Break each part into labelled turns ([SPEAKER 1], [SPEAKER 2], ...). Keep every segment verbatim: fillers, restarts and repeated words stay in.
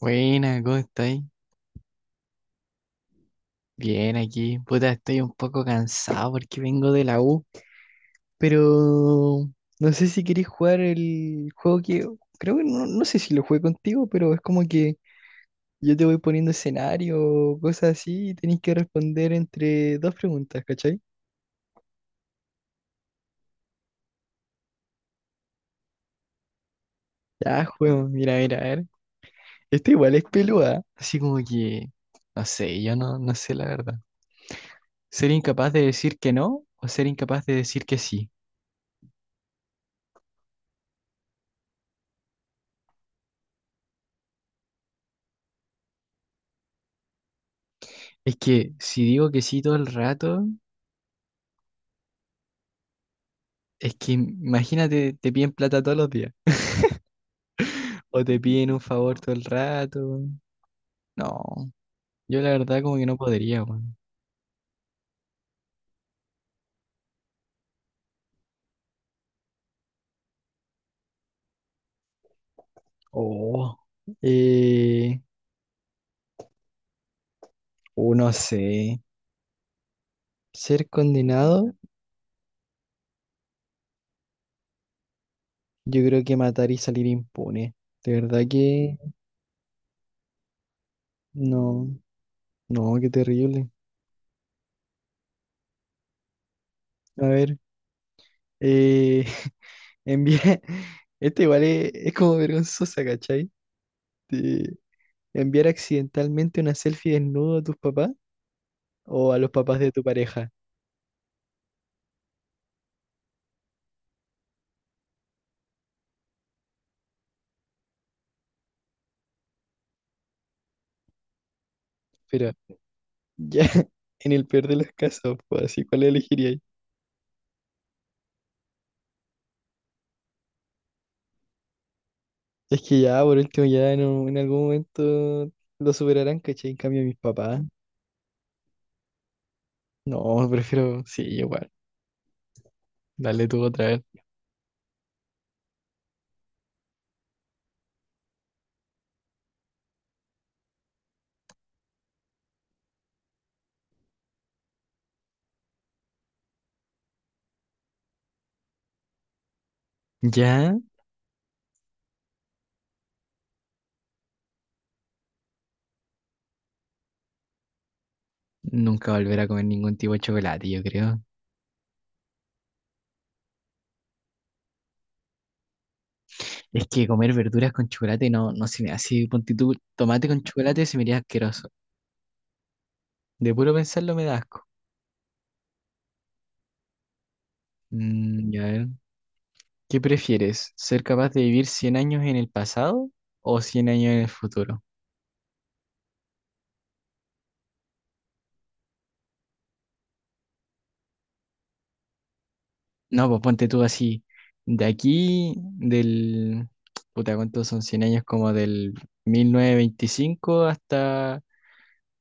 [SPEAKER 1] Buena, ¿cómo estáis? Bien aquí. Puta, estoy un poco cansado porque vengo de la U, pero no sé si queréis jugar el juego que creo que no, no sé si lo jugué contigo, pero es como que yo te voy poniendo escenario, cosas así, y tenéis que responder entre dos preguntas, ¿cachai? Ya, juego, mira, mira, a ver. Esto igual es peluda, así como que no sé, yo no, no sé la verdad. Ser incapaz de decir que no o ser incapaz de decir que sí. Es que si digo que sí todo el rato, es que imagínate, te piden plata todos los días. O te piden un favor todo el rato. No, yo la verdad como que no podría, weón. Oh, eh, oh, no sé. Ser condenado, yo creo que matar y salir impune. De verdad que no, no, qué terrible. A ver, eh, enviar, este igual es, es como vergonzosa, ¿cachai? De enviar accidentalmente una selfie desnudo a tus papás o a los papás de tu pareja. Pero ya, en el peor de los casos, pues así, ¿cuál elegiría ahí? Es que ya, por último, ya en, un- en algún momento lo superarán, ¿cachai? En cambio, mis papás. No, prefiero, sí, igual. Dale tú otra vez. Ya, nunca volver a comer ningún tipo de chocolate, yo creo. Es que comer verduras con chocolate no, no se me hace, ponte tú, tomate con chocolate se me haría asqueroso. De puro pensarlo me da asco. Mm, ya ver, ¿qué prefieres? ¿Ser capaz de vivir cien años en el pasado o cien años en el futuro? No, pues ponte tú así, de aquí, del, puta, ¿cuántos son cien años? Como del mil novecientos veinticinco hasta,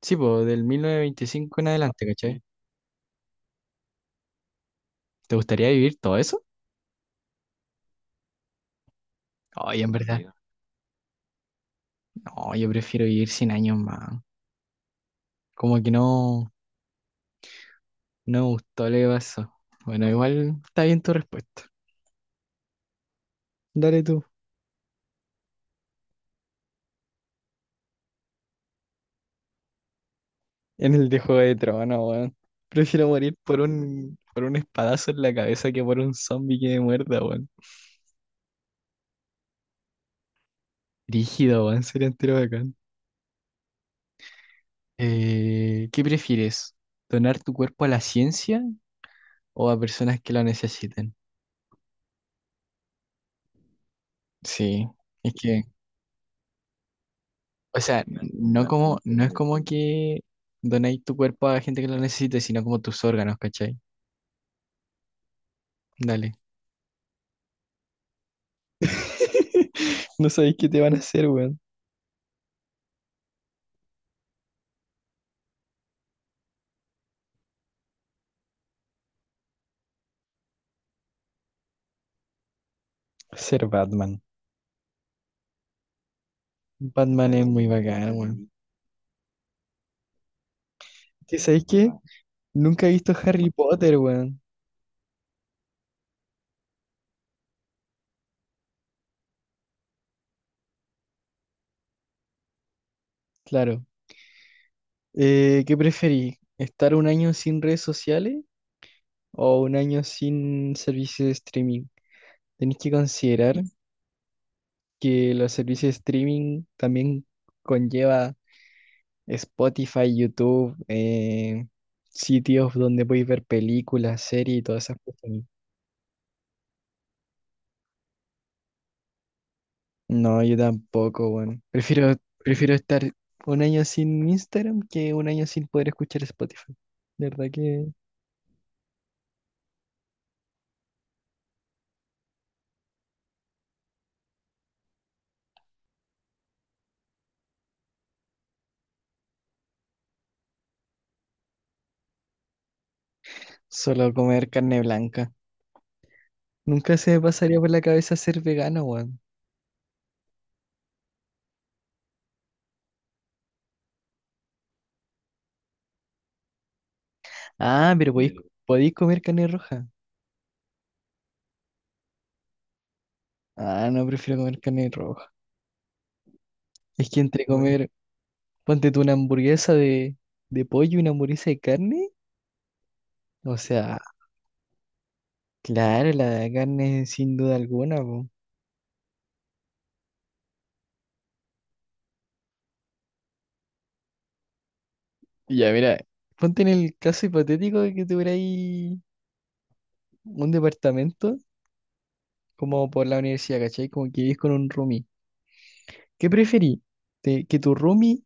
[SPEAKER 1] sí, pues del mil novecientos veinticinco en adelante, ¿cachai? Sí, ¿te gustaría vivir todo eso? Ay, en verdad, sí, no, yo prefiero vivir cien años más. Como que no, no me gustó lo que pasó. Bueno, igual está bien tu respuesta. Dale tú. En el de Juego de Tronos, weón. Prefiero morir por un, por un espadazo en la cabeza que por un zombie que me muerda, weón. Rígido, weón, sería entero bacán. Eh, ¿qué prefieres? ¿Donar tu cuerpo a la ciencia o a personas que lo necesiten? Sí, es que, o sea, no como, no es como que donéis tu cuerpo a gente que lo necesite, sino como tus órganos, ¿cachai? Dale. No sabéis qué te van a hacer, weón. Ser Batman. Batman es muy bacán, weón. ¿Qué sabéis qué? Nunca he visto Harry Potter, weón. Claro. Eh, ¿qué preferís? ¿Estar un año sin redes sociales o un año sin servicios de streaming? Tenéis que considerar que los servicios de streaming también conlleva Spotify, YouTube, eh, sitios donde podéis ver películas, series y todas esas cosas. No, yo tampoco, bueno. Prefiero, prefiero estar un año sin Instagram que un año sin poder escuchar Spotify. De verdad que solo comer carne blanca. Nunca se me pasaría por la cabeza ser vegano, weón. Ah, pero podéis, Mm, podéis comer carne roja. Ah, no, prefiero comer carne roja. Es que entre bueno, comer ponte tú una hamburguesa de, de pollo y una hamburguesa de carne. O sea, claro, la de carne sin duda alguna, po. Y ya, mira, ponte en el caso hipotético de que tuvierais un departamento como por la universidad, ¿cachai? Como que vivís con un roomie. ¿Qué preferís? ¿Te- ¿Que tu roomie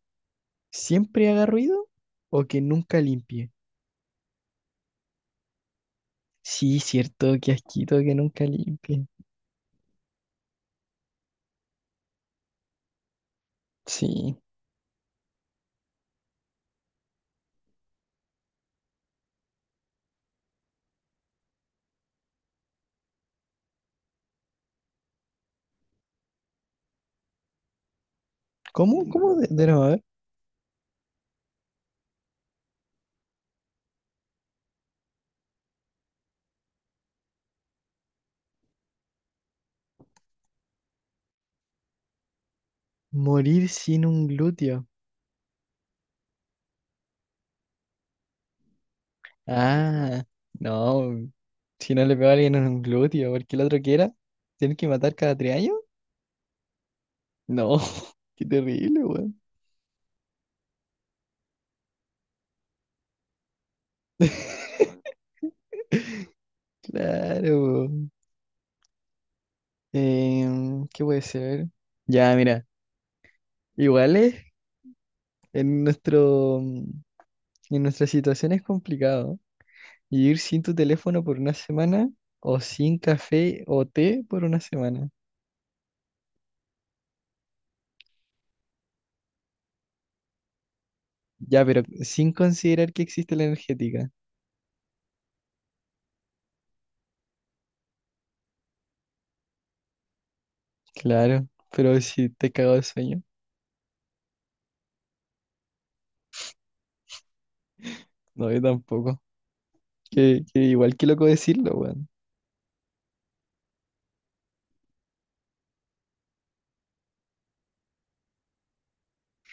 [SPEAKER 1] siempre haga ruido o que nunca limpie? Sí, cierto, qué asquito que nunca limpie. Sí. ¿Cómo? ¿Cómo? De, de nuevo, a ver. Morir sin un glúteo. Ah, no. Si no le pego a alguien en un glúteo, porque el otro quiera, ¿tienes que matar cada tres años? No, qué terrible, weón. Claro. Em, ¿qué puede ser? Ya, mira, igual es en nuestro, mm, en nuestra situación es complicado. Y ir sin tu teléfono por una semana o sin café o té por una semana. Ya, pero sin considerar que existe la energética. Claro, pero si te cago de sueño, no, yo tampoco. Que, que igual que loco decirlo, weón.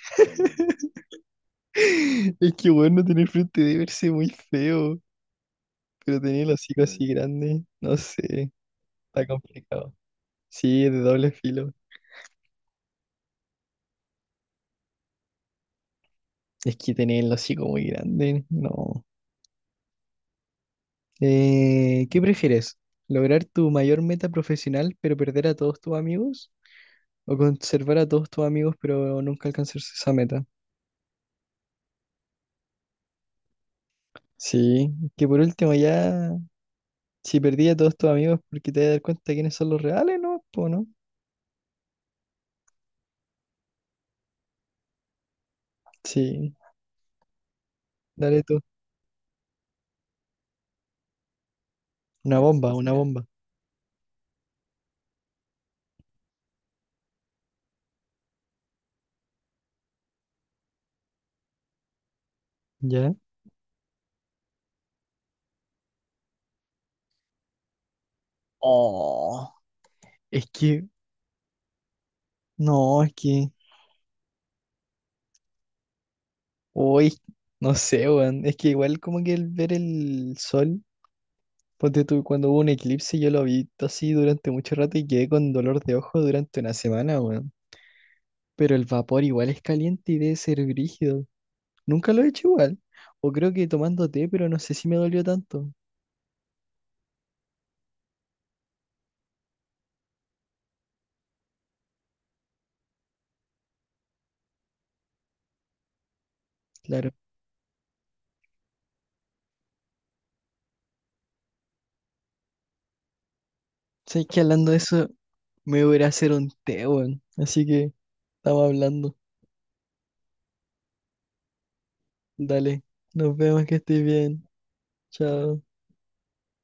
[SPEAKER 1] Es que bueno tener frente de verse muy feo, pero tener el hocico así grande, no sé, está complicado. Sí, es de doble filo. Es que tener el hocico muy grande, no. Eh, ¿qué prefieres? ¿Lograr tu mayor meta profesional pero perder a todos tus amigos? ¿O conservar a todos tus amigos pero nunca alcanzar esa meta? Sí, que por último ya, si perdí a todos tus amigos porque te vas a dar cuenta de quiénes son los reales, ¿no? Po, ¿no? Sí. Dale tú. Una bomba, una bomba. ¿Ya? Oh, es que, no, es que, hoy, no sé, weón. Es que igual como que el ver el sol, ponte tú, cuando hubo un eclipse, yo lo vi así durante mucho rato y quedé con dolor de ojo durante una semana, weón. Pero el vapor igual es caliente y debe ser brígido. Nunca lo he hecho igual. O creo que tomando té, pero no sé si me dolió tanto. Claro. Sé que hablando de eso, me voy a ir a hacer un té, weón. Así que estamos hablando. Dale, nos vemos que estés bien. Chao.